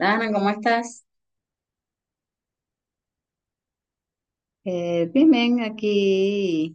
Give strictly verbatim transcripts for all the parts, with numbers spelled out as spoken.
Dana, ¿cómo estás? Eh, bien, bien, aquí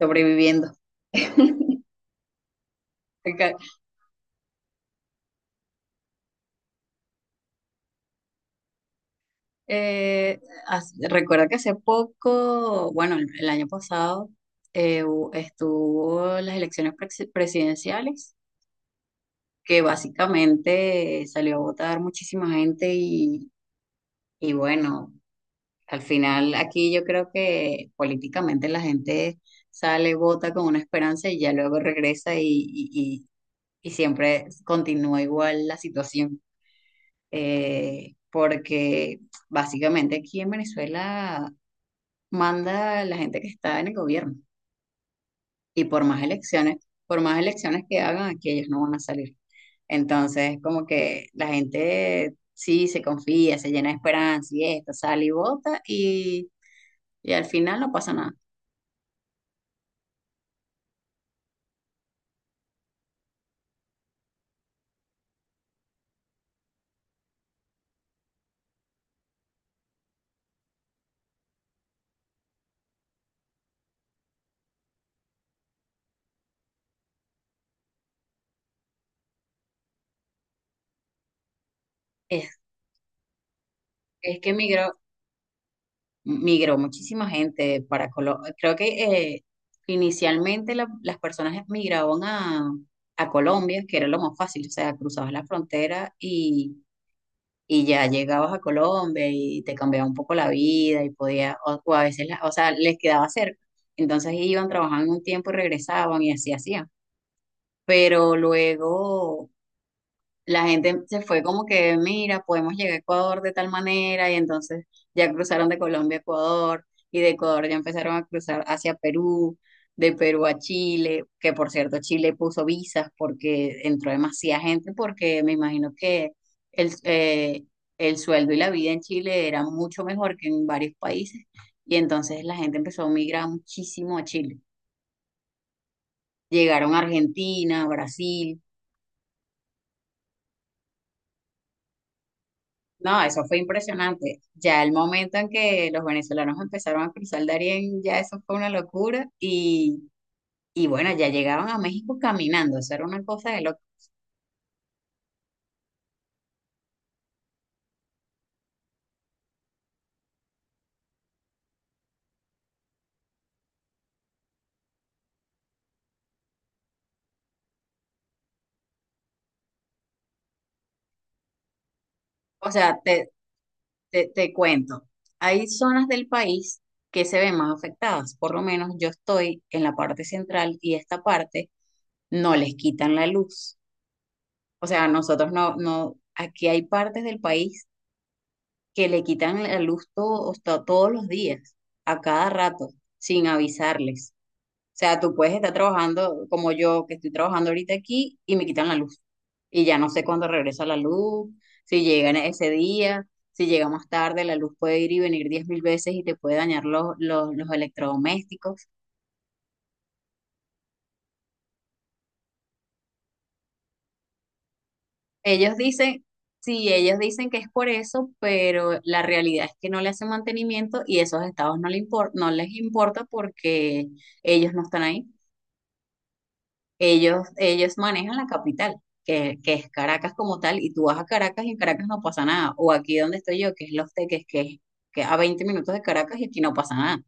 sobreviviendo. Acá, eh, as- recuerda que hace poco, bueno, el, el año pasado, eh, hu- estuvo las elecciones presi- presidenciales, que básicamente salió a votar muchísima gente y, y bueno, al final aquí yo creo que políticamente la gente sale, vota con una esperanza y ya luego regresa y, y y- y siempre continúa igual la situación. Eh, porque básicamente aquí en Venezuela manda la gente que está en el gobierno y por más elecciones, por más elecciones que hagan, aquí ellos no van a salir. Entonces, como que la gente sí se confía, se llena de esperanza y esto, sale y vota y, y al final no pasa nada. Es, es que emigró, migró muchísima gente para Colombia. Creo que eh, inicialmente la- las personas migraban a, a Colombia, que era lo más fácil, o sea, cruzabas la frontera y, y ya llegabas a Colombia y te cambiaba un poco la vida y podía, o, o a veces, la- o sea, les quedaba cerca. Entonces iban, trabajaban un tiempo y regresaban y así hacían. Pero luego la gente se fue como que, mira, podemos llegar a Ecuador de tal manera, y entonces ya cruzaron de Colombia a Ecuador, y de Ecuador ya empezaron a cruzar hacia Perú, de Perú a Chile, que por cierto Chile puso visas porque entró demasiada gente, porque me imagino que el, eh, el sueldo y la vida en Chile era mucho mejor que en varios países, y entonces la gente empezó a migrar muchísimo a Chile. Llegaron a Argentina, Brasil. No, eso fue impresionante. Ya el momento en que los venezolanos empezaron a cruzar el Darién, ya eso fue una locura. Y, y bueno, ya llegaban a México caminando, eso era una cosa de loco. O sea, te, te, te cuento, hay zonas del país que se ven más afectadas. Por lo menos yo estoy en la parte central y esta parte no les quitan la luz. O sea, nosotros no, no, aquí hay partes del país que le quitan la luz todo, hasta todos los días, a cada rato, sin avisarles. O sea, tú puedes estar trabajando como yo, que estoy trabajando ahorita aquí, y me quitan la luz. Y ya no sé cuándo regresa la luz, si llega en ese día, si llega más tarde, la luz puede ir y venir diez mil veces y te puede dañar los, los, los electrodomésticos. Ellos dicen, sí, ellos dicen que es por eso, pero la realidad es que no le hacen mantenimiento y esos estados no, le impor- no les importa porque ellos no están ahí. Ellos, ellos manejan la capital, que, que es Caracas como tal, y tú vas a Caracas y en Caracas no pasa nada. O aquí donde estoy yo, que es Los Teques, que es que a veinte minutos de Caracas y aquí no pasa nada.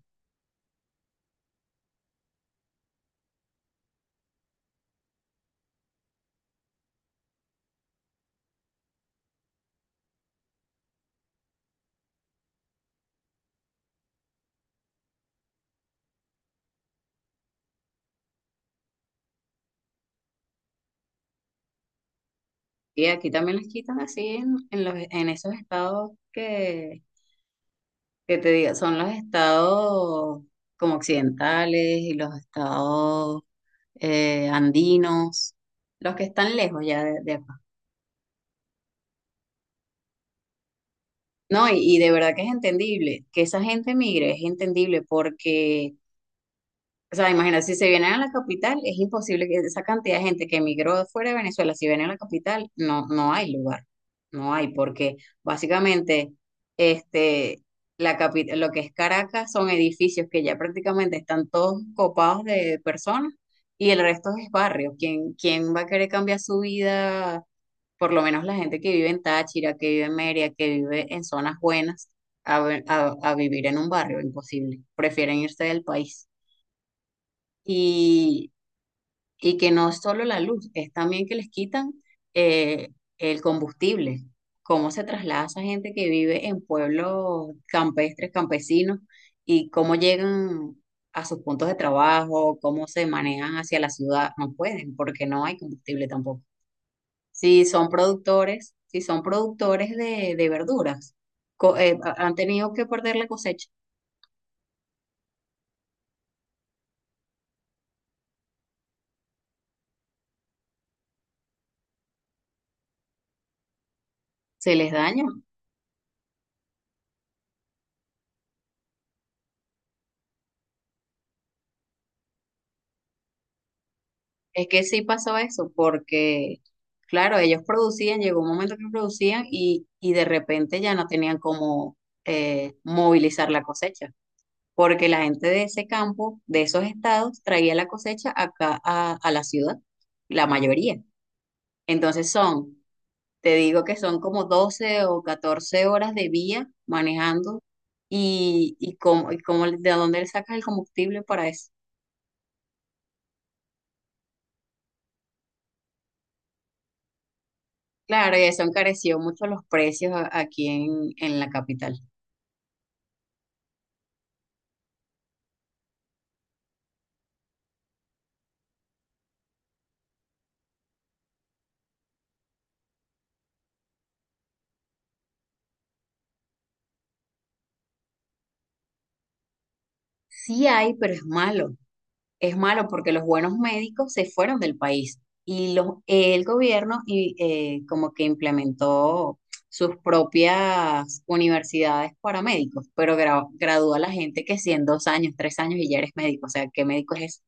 Y aquí también les quitan así en, en los, en esos estados que, que te digo, son los estados como occidentales y los estados eh, andinos, los que están lejos ya de, de acá. No, y, y de verdad que es entendible que esa gente migre, es entendible porque o sea, imagínate, si se vienen a la capital, es imposible que esa cantidad de gente que emigró de fuera de Venezuela, si vienen a la capital, no, no hay lugar, no hay, porque básicamente este, la capi- lo que es Caracas son edificios que ya prácticamente están todos copados de personas y el resto es barrio. ¿Quién, quién va a querer cambiar su vida? Por lo menos la gente que vive en Táchira, que vive en Mérida, que vive en zonas buenas, a, ver- a a vivir en un barrio, imposible. Prefieren irse del país. Y, y que no es solo la luz, es también que les quitan eh, el combustible. Cómo se traslada esa gente que vive en pueblos campestres, campesinos, y cómo llegan a sus puntos de trabajo, cómo se manejan hacia la ciudad. No pueden, porque no hay combustible tampoco. Si son productores, si son productores de, de verduras, co- eh, han tenido que perder la cosecha. Se les daña. Es que sí pasó eso, porque, claro, ellos producían, llegó un momento que producían y, y de repente ya no tenían cómo eh, movilizar la cosecha, porque la gente de ese campo, de esos estados, traía la cosecha acá a, a la ciudad, la mayoría. Entonces son, te digo que son como doce o catorce horas de vía manejando. Y, y, cómo, y cómo- ¿de dónde le sacas el combustible para eso? Claro, y eso encareció mucho los precios a- aquí en, en la capital. Sí hay, pero es malo. Es malo porque los buenos médicos se fueron del país y los, el gobierno y, eh, como que implementó sus propias universidades para médicos, pero gra- gradúa a la gente que si en dos años, tres años y ya eres médico, o sea, ¿qué médico es eso?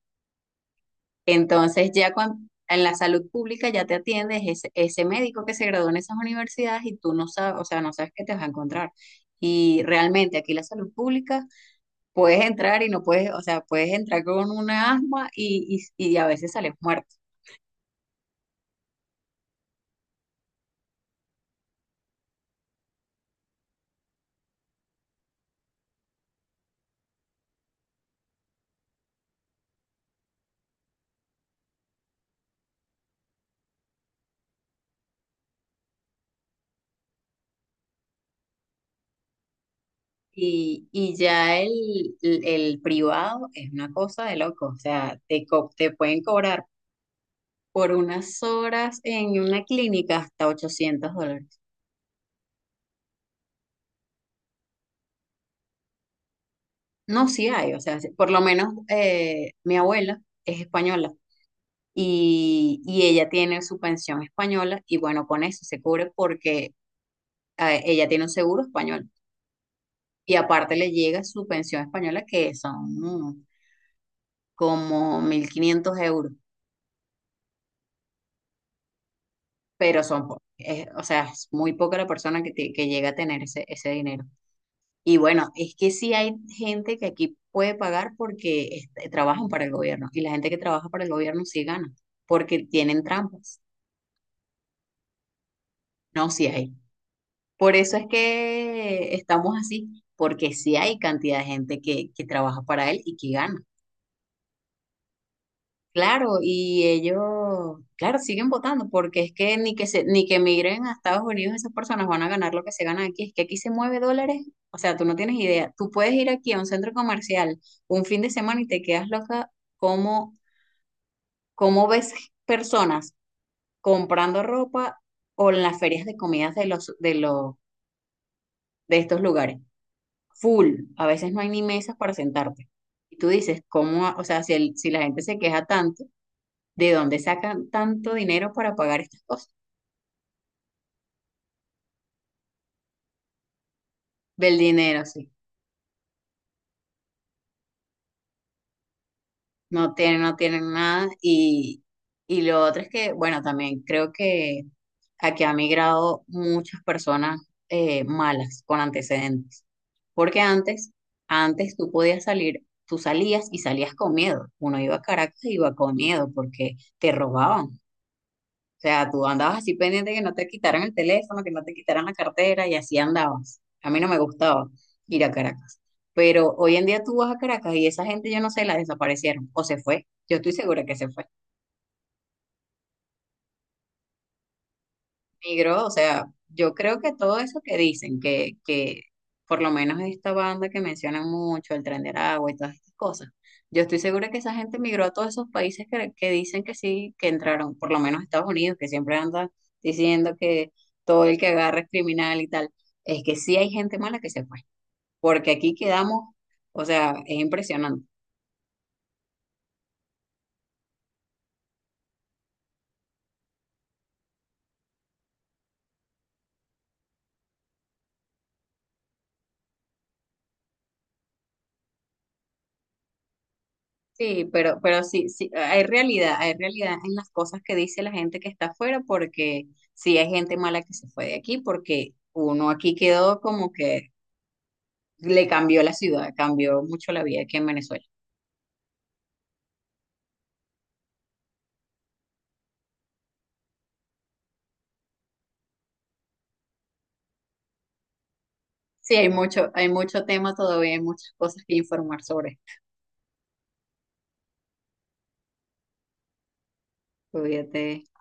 Entonces ya cuan- en la salud pública ya te atiendes ese, ese médico que se graduó en esas universidades y tú no sabes, o sea, no sabes qué te vas a encontrar. Y realmente aquí la salud pública puedes entrar y no puedes, o sea, puedes entrar con una asma y, y, y a veces sales muerto. Y, y ya el, el, el privado es una cosa de loco, o sea, te, co- te pueden cobrar por unas horas en una clínica hasta ochocientos dólares. No, sí hay, o sea, sí, por lo menos eh, mi abuela es española y, y ella tiene su pensión española y bueno, con eso se cubre porque eh, ella tiene un seguro español. Y aparte le llega su pensión española que son mm, como mil quinientos euros, pero son, po- es- o sea, es muy poca la persona que, te- que llega a tener ese, ese dinero. Y bueno, es que sí hay gente que aquí puede pagar porque este, trabajan para el gobierno y la gente que trabaja para el gobierno sí gana porque tienen trampas. No, sí hay. Por eso es que estamos así, porque sí hay cantidad de gente que, que trabaja para él y que gana. Claro, y ellos, claro, siguen votando porque es que ni que se, ni que migren a Estados Unidos esas personas van a ganar lo que se gana aquí. Es que aquí se mueve dólares, o sea, tú no tienes idea. Tú puedes ir aquí a un centro comercial un fin de semana y te quedas loca cómo, cómo ves personas comprando ropa o en las ferias de comidas de los, de los, de estos lugares. Full, a veces no hay ni mesas para sentarte. Y tú dices, ¿cómo? ha- O sea, si, el- si la gente se queja tanto, ¿de dónde sacan tanto dinero para pagar estas cosas? Del dinero, sí. No tienen, no tienen nada. Y, y lo otro es que, bueno, también creo que aquí ha migrado muchas personas eh, malas con antecedentes. Porque antes, antes tú podías salir, tú salías y salías con miedo. Uno iba a Caracas y iba con miedo porque te robaban. O sea, tú andabas así pendiente que no te quitaran el teléfono, que no te quitaran la cartera y así andabas. A mí no me gustaba ir a Caracas. Pero hoy en día tú vas a Caracas y esa gente, yo no sé, la desaparecieron o se fue. Yo estoy segura que se fue. Migró, o sea, yo creo que todo eso que dicen, que, que por lo menos esta banda que mencionan mucho, el Tren de Aragua y todas estas cosas, yo estoy segura que esa gente migró a todos esos países que, que dicen que sí, que entraron, por lo menos Estados Unidos, que siempre anda diciendo que todo el que agarra es criminal y tal, es que sí hay gente mala que se fue, porque aquí quedamos, o sea, es impresionante. Sí, pero, pero sí, sí, hay realidad, hay realidad en las cosas que dice la gente que está afuera, porque sí hay gente mala que se fue de aquí, porque uno aquí quedó como que le cambió la ciudad, cambió mucho la vida aquí en Venezuela. Sí, hay mucho, hay mucho tema todavía, hay muchas cosas que informar sobre. Olvídate.